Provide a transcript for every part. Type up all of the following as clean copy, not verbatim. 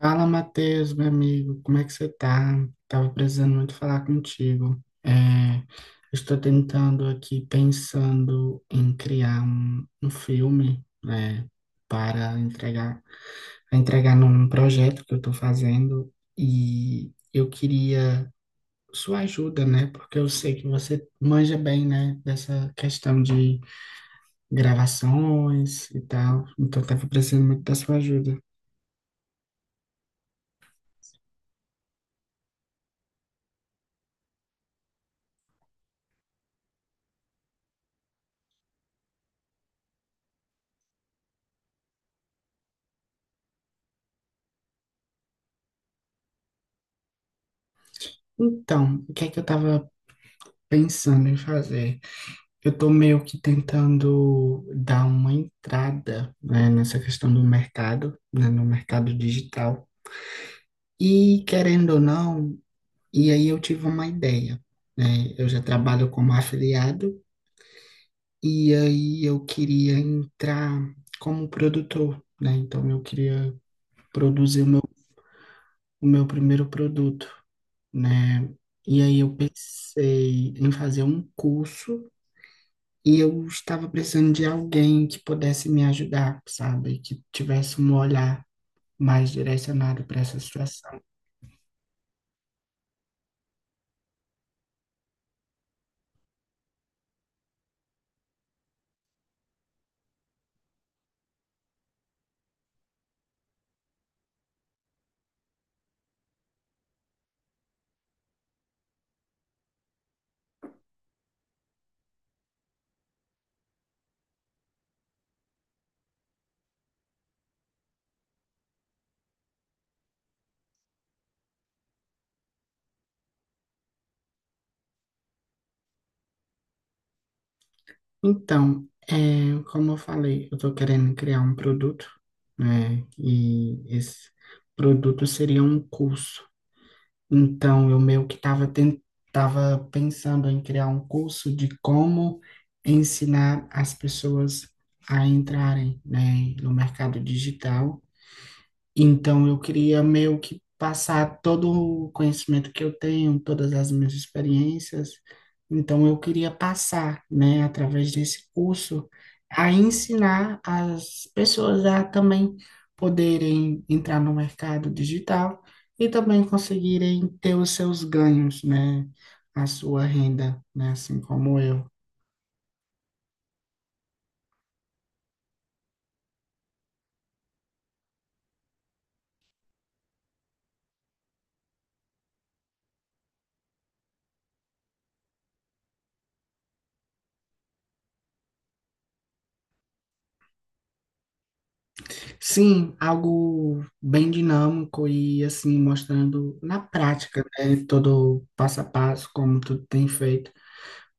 Fala, Matheus, meu amigo, como é que você tá? Tava precisando muito falar contigo. Estou tentando aqui, pensando em criar um filme, né, para entregar num projeto que eu tô fazendo e eu queria sua ajuda, né? Porque eu sei que você manja bem, né, dessa questão de gravações e tal. Então, tava precisando muito da sua ajuda. Então, o que é que eu tava pensando em fazer. Eu estou meio que tentando dar uma entrada, né, nessa questão do mercado, né, no mercado digital. E querendo ou não, e aí eu tive uma ideia, né? Eu já trabalho como afiliado e aí eu queria entrar como produtor, né? Então eu queria produzir o meu primeiro produto, né? E aí eu pensei em fazer um curso. E eu estava precisando de alguém que pudesse me ajudar, sabe? Que tivesse um olhar mais direcionado para essa situação. Então, é, como eu falei, eu estou querendo criar um produto, né? E esse produto seria um curso. Então, eu meio que estava tava pensando em criar um curso de como ensinar as pessoas a entrarem, né, no mercado digital. Então, eu queria meio que passar todo o conhecimento que eu tenho, todas as minhas experiências. Então, eu queria passar, né, através desse curso, a ensinar as pessoas a também poderem entrar no mercado digital e também conseguirem ter os seus ganhos, né, a sua renda, né, assim como eu. Sim, algo bem dinâmico e assim mostrando na prática, né, todo o passo a passo, como tudo tem feito,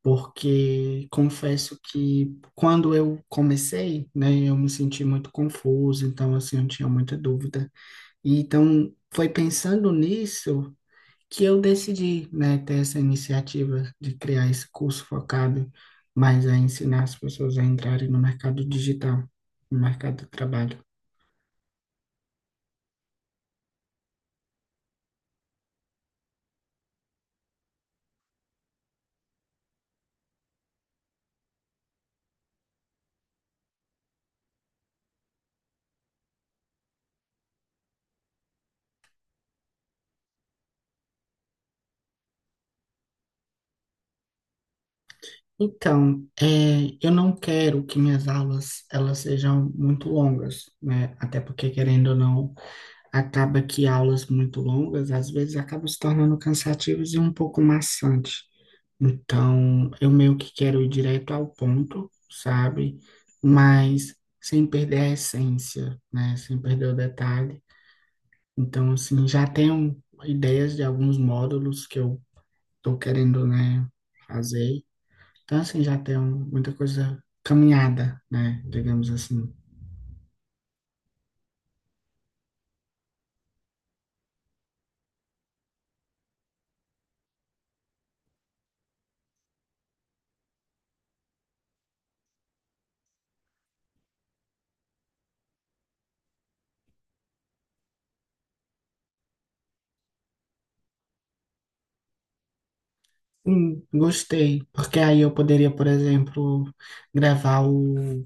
porque confesso que quando eu comecei, né, eu me senti muito confuso, então assim eu tinha muita dúvida. E então foi pensando nisso que eu decidi, né, ter essa iniciativa de criar esse curso focado mais a ensinar as pessoas a entrarem no mercado digital, no mercado do trabalho. Então, é, eu não quero que minhas aulas elas sejam muito longas, né? Até porque, querendo ou não, acaba que aulas muito longas às vezes acabam se tornando cansativas e um pouco maçante. Então, eu meio que quero ir direto ao ponto, sabe? Mas sem perder a essência, né? Sem perder o detalhe. Então, assim, já tenho ideias de alguns módulos que eu tô querendo, né, fazer. Então, assim, já tem muita coisa caminhada, né? Digamos assim. Gostei, porque aí eu poderia, por exemplo, gravar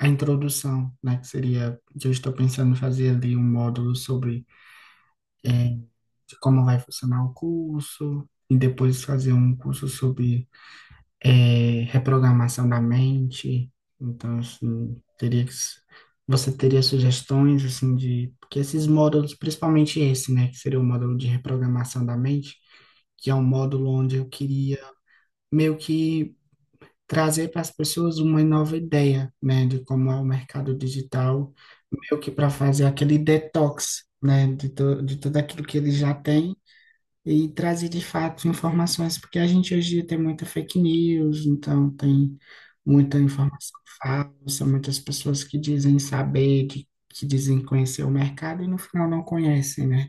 a introdução, né? Que seria, que eu estou pensando em fazer ali um módulo sobre eh, de como vai funcionar o curso, e depois fazer um curso sobre é, reprogramação da mente. Então, assim, teria que, você teria sugestões, assim, de... Porque esses módulos, principalmente esse, né, que seria o módulo de reprogramação da mente, que é um módulo onde eu queria meio que trazer para as pessoas uma nova ideia, né, de como é o mercado digital, meio que para fazer aquele detox, né, de tudo aquilo que eles já têm e trazer de fato informações, porque a gente hoje em dia tem muita fake news, então tem muita informação falsa, muitas pessoas que dizem saber, que dizem conhecer o mercado e no final não conhecem, né?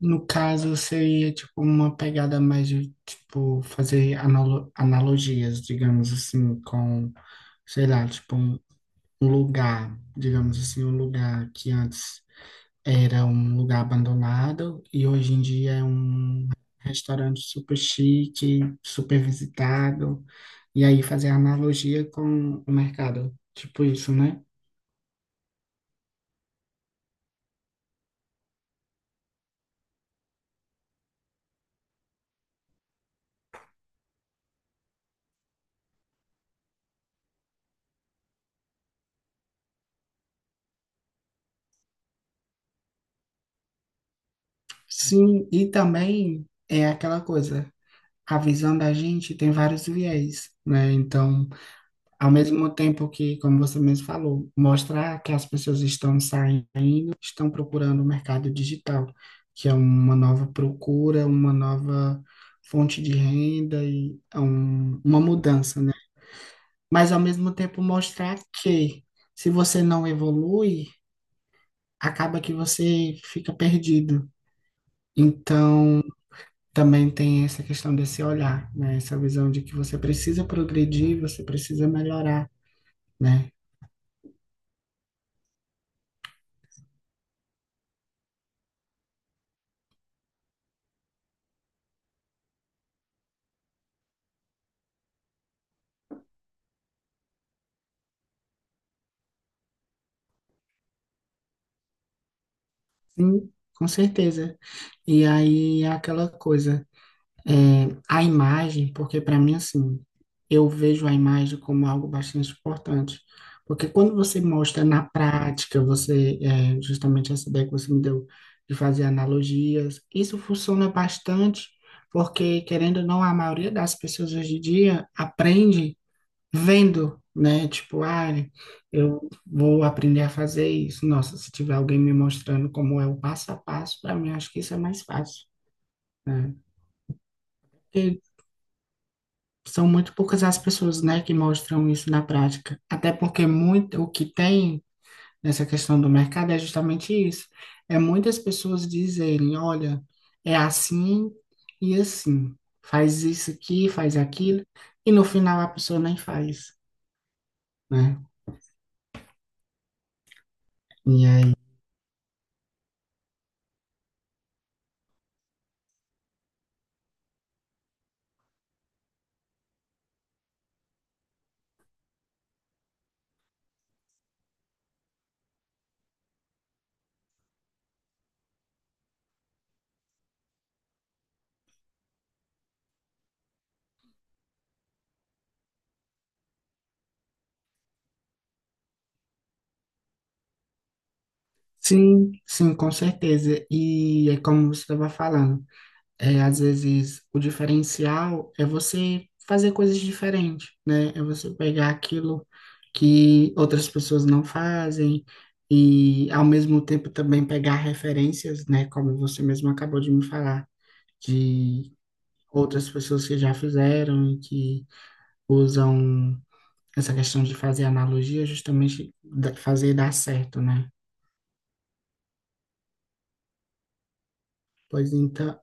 No caso, seria tipo uma pegada mais de tipo fazer analogias, digamos assim, com, sei lá, tipo um lugar, digamos assim, um lugar que antes era um lugar abandonado e hoje em dia é um restaurante super chique, super visitado. E aí fazer analogia com o mercado, tipo isso, né? Sim, e também é aquela coisa, a visão da gente tem vários viés, né? Então, ao mesmo tempo que, como você mesmo falou, mostrar que as pessoas estão saindo estão procurando o mercado digital, que é uma nova procura, uma nova fonte de renda e é uma mudança, né? Mas ao mesmo tempo mostrar que se você não evolui, acaba que você fica perdido. Então, também tem essa questão desse olhar, né? Essa visão de que você precisa progredir, você precisa melhorar, né? Sim, com certeza. E aí é aquela coisa. É, a imagem, porque para mim, assim, eu vejo a imagem como algo bastante importante. Porque quando você mostra na prática, você, é, justamente essa ideia que você me deu de fazer analogias, isso funciona bastante, porque, querendo ou não, a maioria das pessoas hoje em dia aprende vendo, né? Tipo, ah, eu vou aprender a fazer isso. Nossa, se tiver alguém me mostrando como é o passo a passo, para mim, acho que isso é mais fácil, né? Porque são muito poucas as pessoas, né, que mostram isso na prática. Até porque muito o que tem nessa questão do mercado é justamente isso. É muitas pessoas dizerem, olha, é assim e assim. Faz isso aqui, faz aquilo, e no final a pessoa nem faz, né? E aí, sim, sim, com certeza. E é como você estava falando. É, às vezes o diferencial é você fazer coisas diferentes, né? É você pegar aquilo que outras pessoas não fazem e, ao mesmo tempo, também pegar referências, né? Como você mesmo acabou de me falar, de outras pessoas que já fizeram e que usam essa questão de fazer analogia, justamente fazer dar certo, né? Pois então,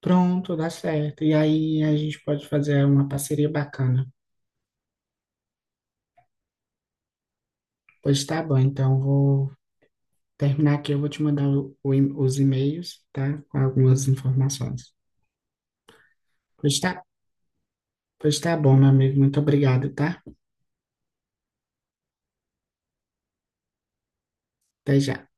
pronto, dá certo. E aí a gente pode fazer uma parceria bacana. Pois tá bom, então vou terminar aqui, eu vou te mandar os e-mails, tá? Com algumas informações. Pois tá, pois tá bom, meu amigo, muito obrigado, tá? Até já.